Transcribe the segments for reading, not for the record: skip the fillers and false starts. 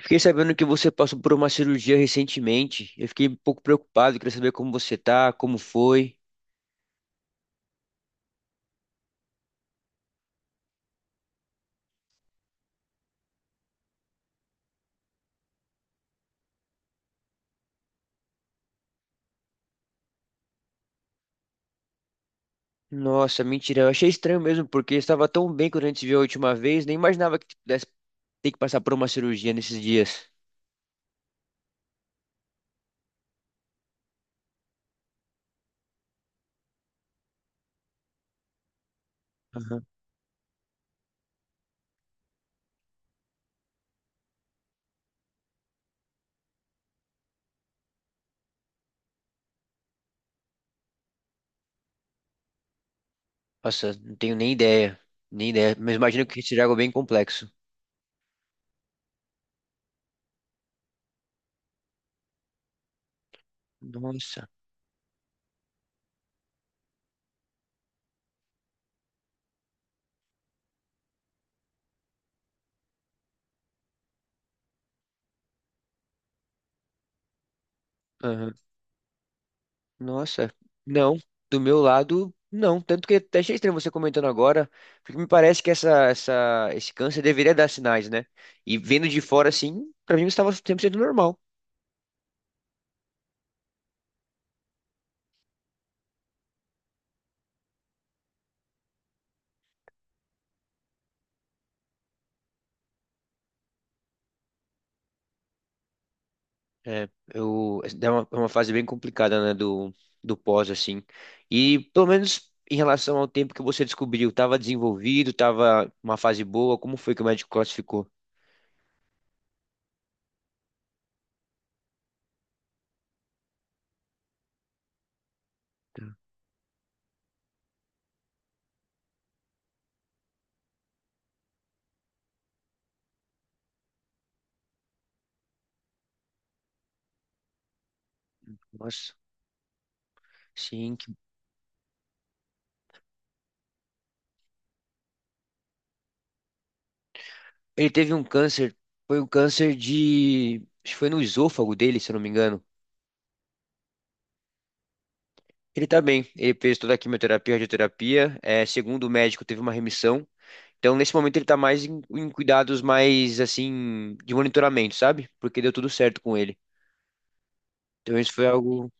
Fiquei sabendo que você passou por uma cirurgia recentemente. Eu fiquei um pouco preocupado, queria saber como você tá, como foi. Nossa, mentira, eu achei estranho mesmo, porque estava tão bem quando a gente se viu a última vez, nem imaginava que pudesse ter que passar por uma cirurgia nesses dias. Aham. Nossa, não tenho nem ideia, nem ideia, mas imagino que seja algo bem complexo. Nossa. Aham. Nossa, não. Do meu lado, não. Tanto que até achei estranho você comentando agora, porque me parece que esse câncer deveria dar sinais, né? E vendo de fora, assim, pra mim estava 100% normal. É uma fase bem complicada, né, do pós, assim. E pelo menos em relação ao tempo que você descobriu, estava desenvolvido, estava uma fase boa, como foi que o médico classificou? Tá. Nossa, sim. Ele teve um câncer, foi um câncer de... acho que foi no esôfago dele, se eu não me engano. Ele tá bem, ele fez toda a quimioterapia, radioterapia, é, segundo o médico, teve uma remissão. Então, nesse momento, ele tá mais em cuidados mais, assim, de monitoramento, sabe? Porque deu tudo certo com ele. Então, isso foi algo.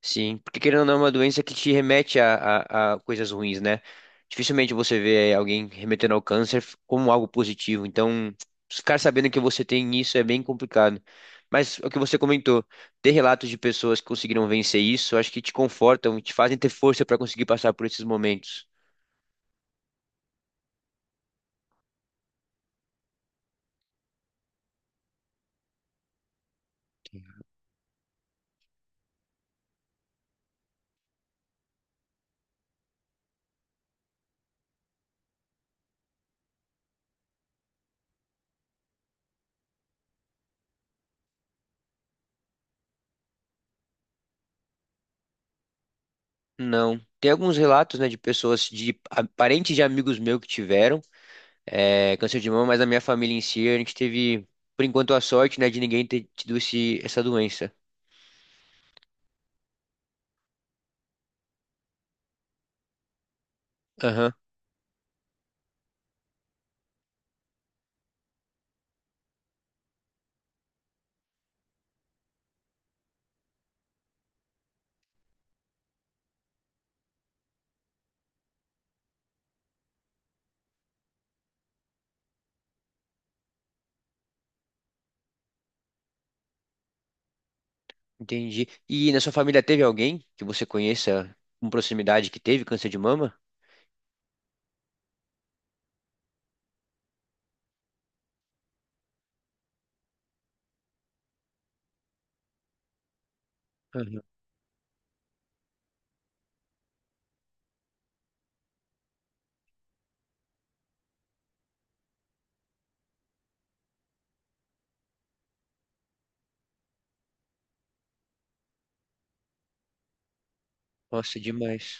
Sim, porque querendo ou não, é uma doença que te remete a coisas ruins, né? Dificilmente você vê alguém remetendo ao câncer como algo positivo. Então, ficar sabendo que você tem isso é bem complicado. Mas o que você comentou, ter relatos de pessoas que conseguiram vencer isso, eu acho que te confortam e te fazem ter força para conseguir passar por esses momentos. Não. Tem alguns relatos, né, de pessoas, de parentes de amigos meus que tiveram é, câncer de mama, mas na minha família em si, a gente teve, por enquanto, a sorte, né, de ninguém ter tido essa doença. Aham, entendi. E na sua família teve alguém que você conheça com proximidade que teve câncer de mama? Aham. Nossa, demais.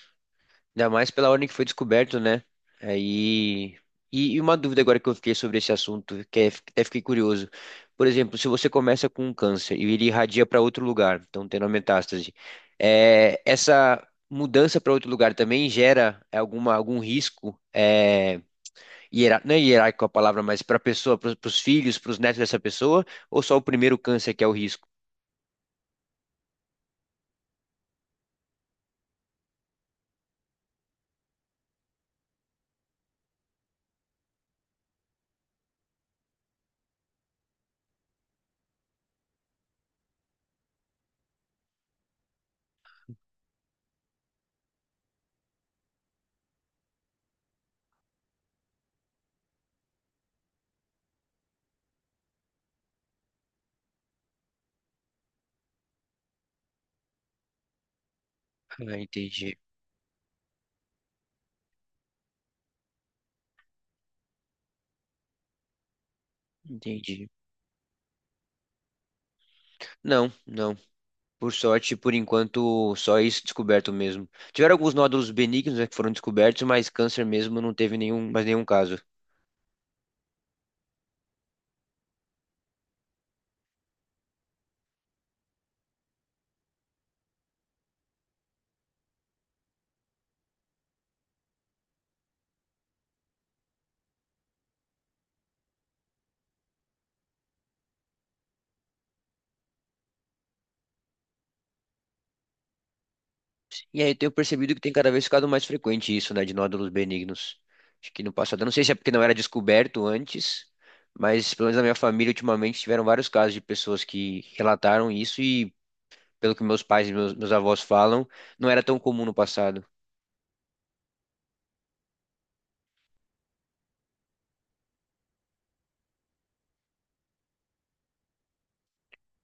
Ainda mais pela ordem que foi descoberto, né? Aí. E uma dúvida agora que eu fiquei sobre esse assunto, que até fiquei curioso. Por exemplo, se você começa com um câncer e ele irradia para outro lugar, então tendo a metástase, é, essa mudança para outro lugar também gera algum risco é, não é hierárquico a palavra, mas para a pessoa, para os filhos, para os netos dessa pessoa, ou só o primeiro câncer que é o risco? Ah, entendi, entendi. Não, não. Por sorte, por enquanto, só isso descoberto mesmo. Tiveram alguns nódulos benignos, né, que foram descobertos, mas câncer mesmo não teve nenhum, mais nenhum caso. E aí eu tenho percebido que tem cada vez ficado mais frequente isso, né, de nódulos benignos. Acho que no passado, eu não sei se é porque não era descoberto antes, mas pelo menos na minha família ultimamente tiveram vários casos de pessoas que relataram isso e pelo que meus pais e meus avós falam, não era tão comum no passado.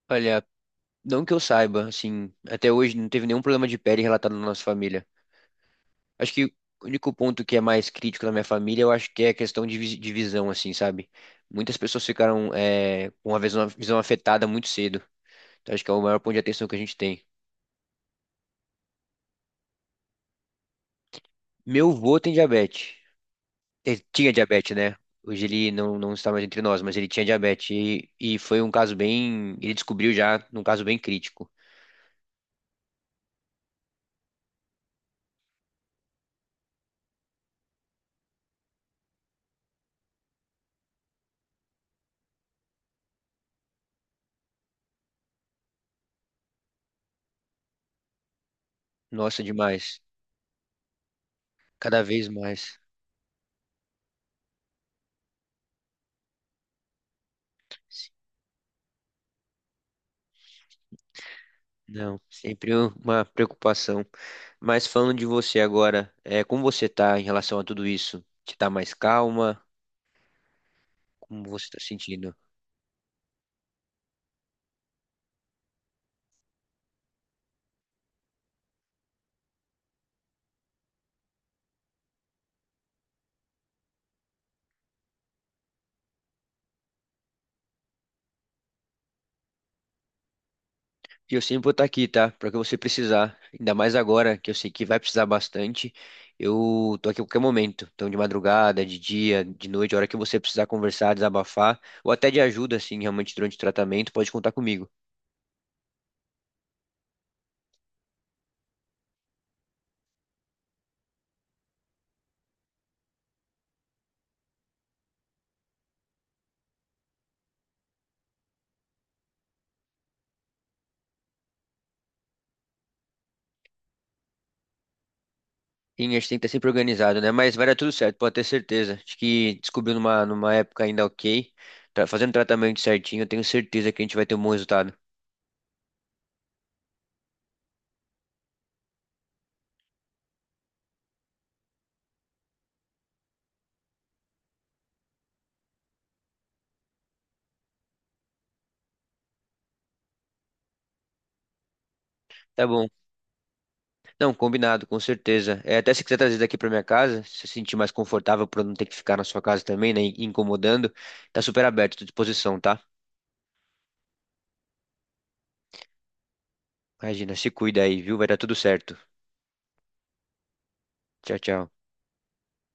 Olha, não que eu saiba, assim, até hoje não teve nenhum problema de pele relatado na nossa família. Acho que o único ponto que é mais crítico na minha família, eu acho que é a questão de, de visão, assim, sabe? Muitas pessoas ficaram é, com a visão, visão afetada muito cedo. Então, acho que é o maior ponto de atenção que a gente tem. Meu avô tem diabetes. Ele tinha diabetes, né? Hoje ele não está mais entre nós, mas ele tinha diabetes e foi um caso bem. Ele descobriu já num caso bem crítico. Nossa, demais. Cada vez mais. Não, sempre uma preocupação. Mas falando de você agora, é, como você tá em relação a tudo isso? Você tá mais calma? Como você tá sentindo? E eu sempre vou estar aqui, tá? Pra que você precisar. Ainda mais agora, que eu sei que vai precisar bastante. Eu tô aqui a qualquer momento. Então, de madrugada, de dia, de noite, a hora que você precisar conversar, desabafar, ou até de ajuda, assim, realmente durante o tratamento, pode contar comigo. Sim, a gente tem que estar sempre organizado, né? Mas vai dar tudo certo, pode ter certeza. Acho que descobriu numa época ainda ok, tá fazendo tratamento certinho, eu tenho certeza que a gente vai ter um bom resultado. Tá bom. Não, combinado, com certeza. É, até se quiser trazer daqui pra minha casa, se você se sentir mais confortável pra não ter que ficar na sua casa também, né? E incomodando, tá super aberto, tô à disposição, tá? Imagina, se cuida aí, viu? Vai dar tudo certo. Tchau, tchau.